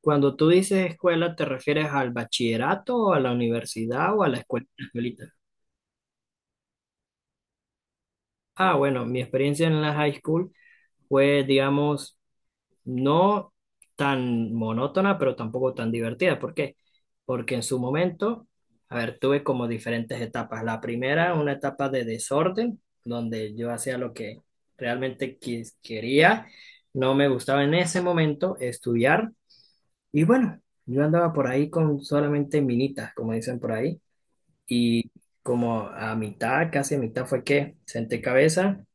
Cuando tú dices escuela, ¿te refieres al bachillerato o a la universidad o a la escuela, la escuelita? Ah, bueno, mi experiencia en la high school fue, digamos, no tan monótona, pero tampoco tan divertida. ¿Por qué? Porque en su momento, a ver, tuve como diferentes etapas. La primera, una etapa de desorden, donde yo hacía lo que realmente quería. No me gustaba en ese momento estudiar. Y bueno, yo andaba por ahí con solamente minitas, como dicen por ahí, y como a mitad, casi a mitad fue que senté cabeza,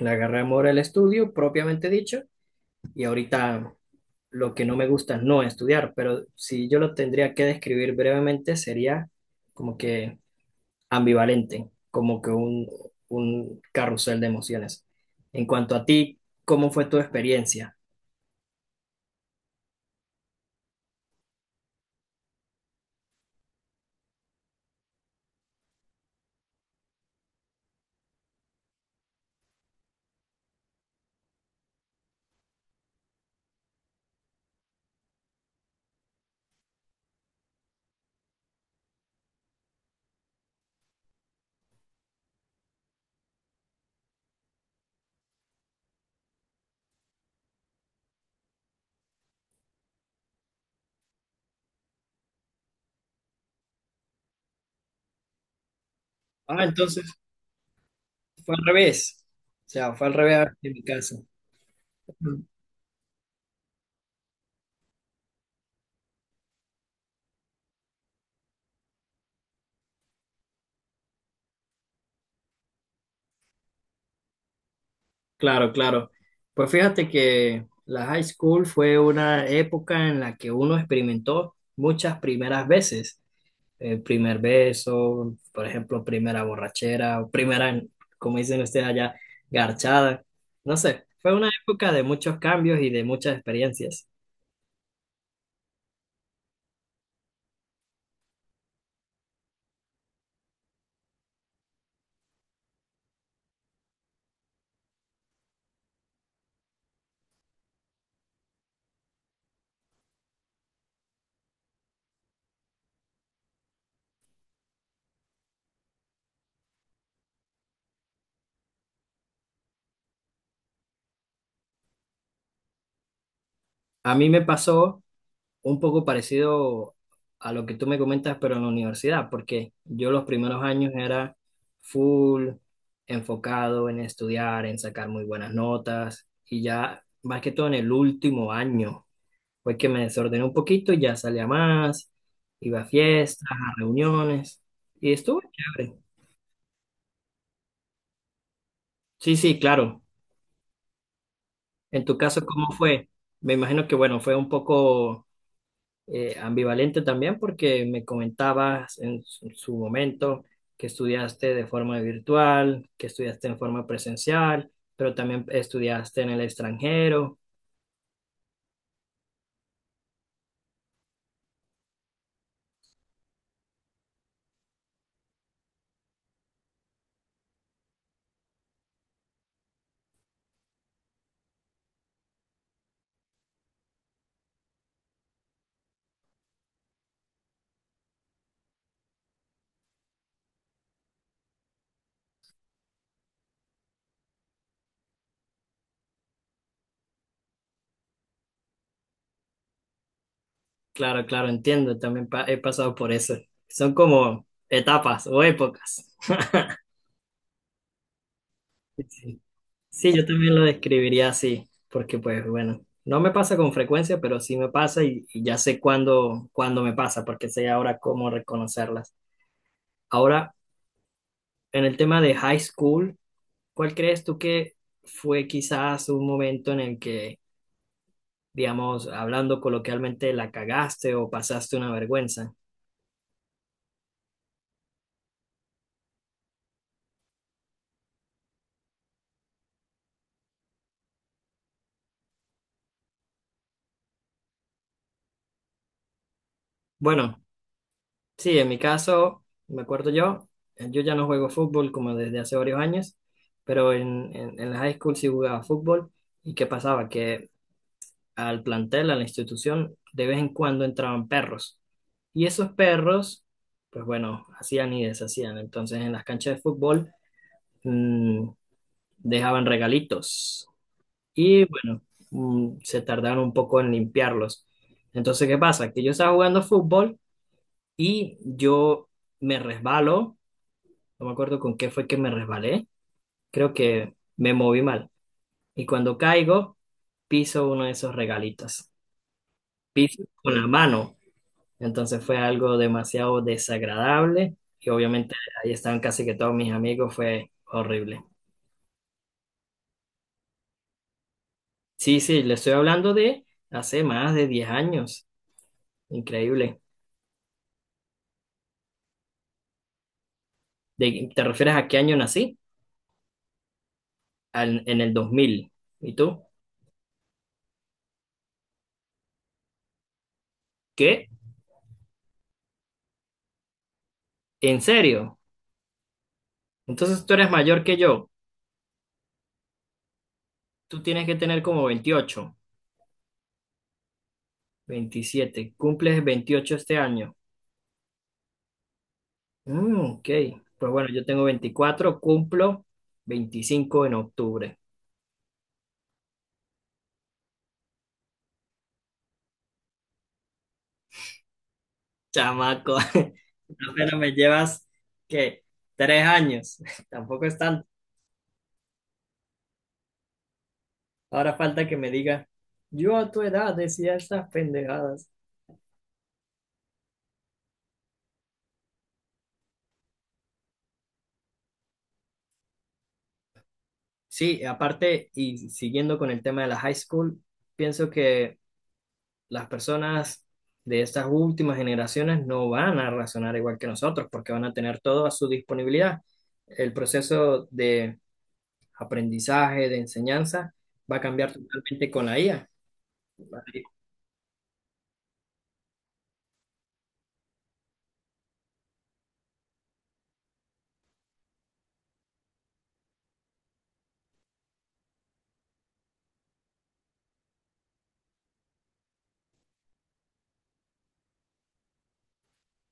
le agarré amor al estudio, propiamente dicho, y ahorita lo que no me gusta es no estudiar, pero si yo lo tendría que describir brevemente, sería como que ambivalente, como que un carrusel de emociones. En cuanto a ti, ¿cómo fue tu experiencia? Ah, entonces fue al revés, o sea, fue al revés en mi caso. Claro, claro. Pues fíjate que la high school fue una época en la que uno experimentó muchas primeras veces. El primer beso, por ejemplo, primera borrachera, o primera, como dicen ustedes allá, garchada. No sé, fue una época de muchos cambios y de muchas experiencias. A mí me pasó un poco parecido a lo que tú me comentas, pero en la universidad, porque yo los primeros años era full enfocado en estudiar, en sacar muy buenas notas, y ya más que todo en el último año fue que me desordené un poquito, ya salía más, iba a fiestas, a reuniones, y estuvo chévere. Sí, sí, claro. En tu caso, ¿cómo fue? Me imagino que, bueno, fue un poco ambivalente también porque me comentabas en su momento que estudiaste de forma virtual, que estudiaste en forma presencial, pero también estudiaste en el extranjero. Claro, claro, entiendo, también he pasado por eso. Son como etapas o épocas. Sí. Sí, yo también lo describiría así, porque pues bueno, no me pasa con frecuencia, pero sí me pasa y ya sé cuándo, cuándo me pasa, porque sé ahora cómo reconocerlas. Ahora, en el tema de high school, ¿cuál crees tú que fue quizás un momento en el que, digamos, hablando coloquialmente, la cagaste o pasaste una vergüenza? Bueno, sí, en mi caso, me acuerdo yo, yo ya no juego fútbol como desde hace varios años, pero en la high school sí jugaba fútbol. ¿Y qué pasaba? Que al plantel, a la institución, de vez en cuando entraban perros. Y esos perros, pues bueno, hacían y deshacían. Entonces, en las canchas de fútbol, mm, dejaban regalitos. Y bueno, se tardaron un poco en limpiarlos. Entonces, ¿qué pasa? Que yo estaba jugando fútbol y yo me resbalo. No me acuerdo con qué fue que me resbalé. Creo que me moví mal. Y cuando caigo, piso uno de esos regalitos. Piso con la mano. Entonces fue algo demasiado desagradable. Y obviamente ahí estaban casi que todos mis amigos. Fue horrible. Sí, sí, le estoy hablando de hace más de 10 años. Increíble. ¿De, ¿te refieres a qué año nací? En el 2000. ¿Y tú? ¿Qué? ¿En serio? Entonces tú eres mayor que yo. Tú tienes que tener como 28, 27. Cumples 28 este año. Mm, ok. Pues bueno, yo tengo 24, cumplo 25 en octubre. Chamaco, apenas me llevas, ¿qué? 3 años. Tampoco es tanto. Ahora falta que me diga, yo a tu edad decía estas pendejadas. Sí, aparte, y siguiendo con el tema de la high school, pienso que las personas de estas últimas generaciones no van a razonar igual que nosotros, porque van a tener todo a su disponibilidad. El proceso de aprendizaje, de enseñanza, va a cambiar totalmente con la IA.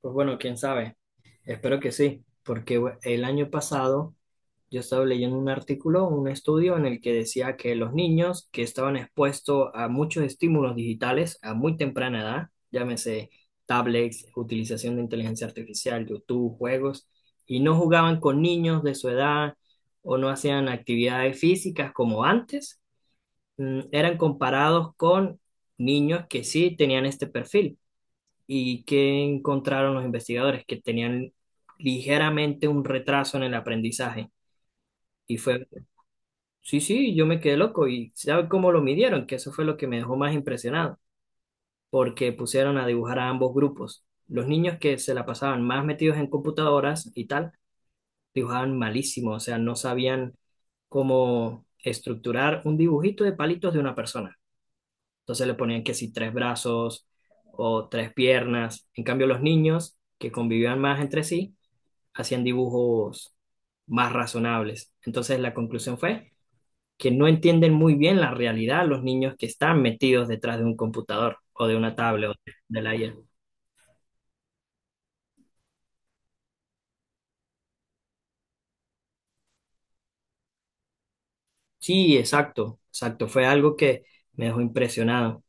Pues bueno, quién sabe. Espero que sí, porque bueno, el año pasado yo estaba leyendo un artículo, un estudio en el que decía que los niños que estaban expuestos a muchos estímulos digitales a muy temprana edad, llámese tablets, utilización de inteligencia artificial, YouTube, juegos, y no jugaban con niños de su edad o no hacían actividades físicas como antes, eran comparados con niños que sí tenían este perfil. ¿Y que encontraron los investigadores? Que tenían ligeramente un retraso en el aprendizaje y fue... Sí, sí, yo me quedé loco. ¿Y sabe cómo lo midieron? Que eso fue lo que me dejó más impresionado, porque pusieron a dibujar a ambos grupos. Los niños que se la pasaban más metidos en computadoras y tal, dibujaban malísimo, o sea, no sabían cómo estructurar un dibujito de palitos de una persona. Entonces le ponían que si tres brazos o tres piernas. En cambio, los niños que convivían más entre sí hacían dibujos más razonables. Entonces la conclusión fue que no entienden muy bien la realidad los niños que están metidos detrás de un computador o de una tablet o de la IA. Sí, exacto, exacto. Fue algo que me dejó impresionado.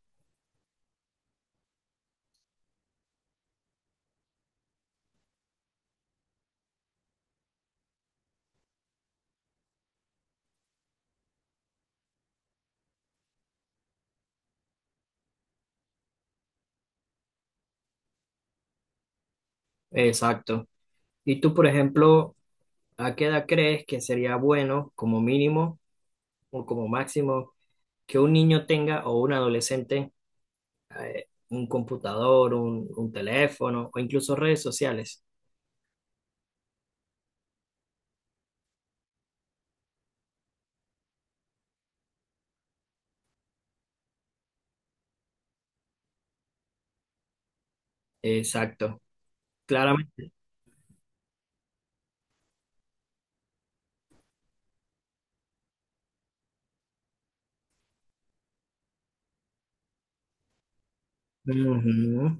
Exacto. ¿Y tú, por ejemplo, a qué edad crees que sería bueno, como mínimo o como máximo, que un niño tenga o un adolescente un computador, un teléfono o incluso redes sociales? Exacto. Claramente. Ujú.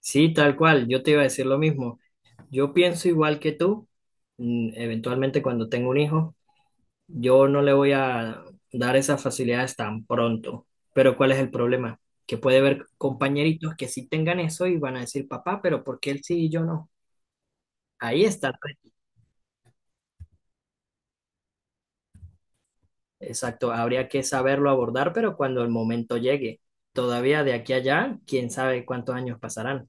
Sí, tal cual. Yo te iba a decir lo mismo. Yo pienso igual que tú, eventualmente cuando tengo un hijo, yo no le voy a dar esas facilidades tan pronto, pero ¿cuál es el problema? Que puede haber compañeritos que sí tengan eso y van a decir, papá, pero ¿por qué él sí y yo no? Ahí está el reto. Exacto, habría que saberlo abordar, pero cuando el momento llegue, todavía de aquí a allá, quién sabe cuántos años pasarán.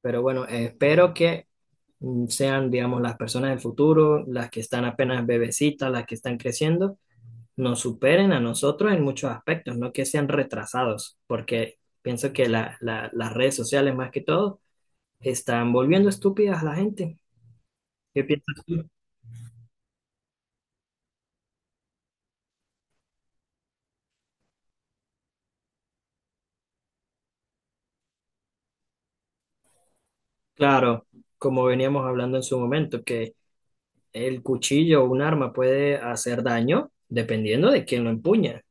Pero bueno, espero que sean, digamos, las personas del futuro, las que están apenas bebecitas, las que están creciendo nos superen a nosotros en muchos aspectos, no que sean retrasados, porque pienso que las redes sociales más que todo están volviendo estúpidas a la gente. ¿Qué piensas tú? Claro, como veníamos hablando en su momento, que el cuchillo o un arma puede hacer daño dependiendo de quién lo empuña.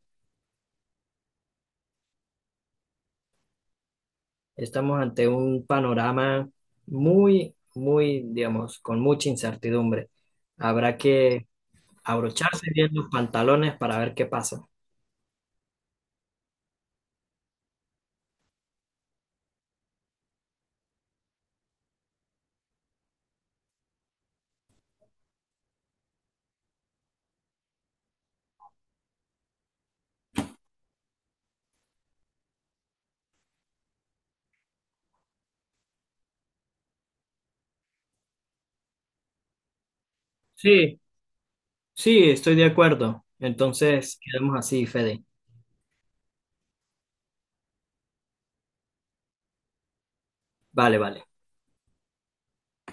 Estamos ante un panorama muy, muy, digamos, con mucha incertidumbre. Habrá que abrocharse bien los pantalones para ver qué pasa. Sí. Sí, estoy de acuerdo. Entonces, quedamos así, Fede. Vale, vale.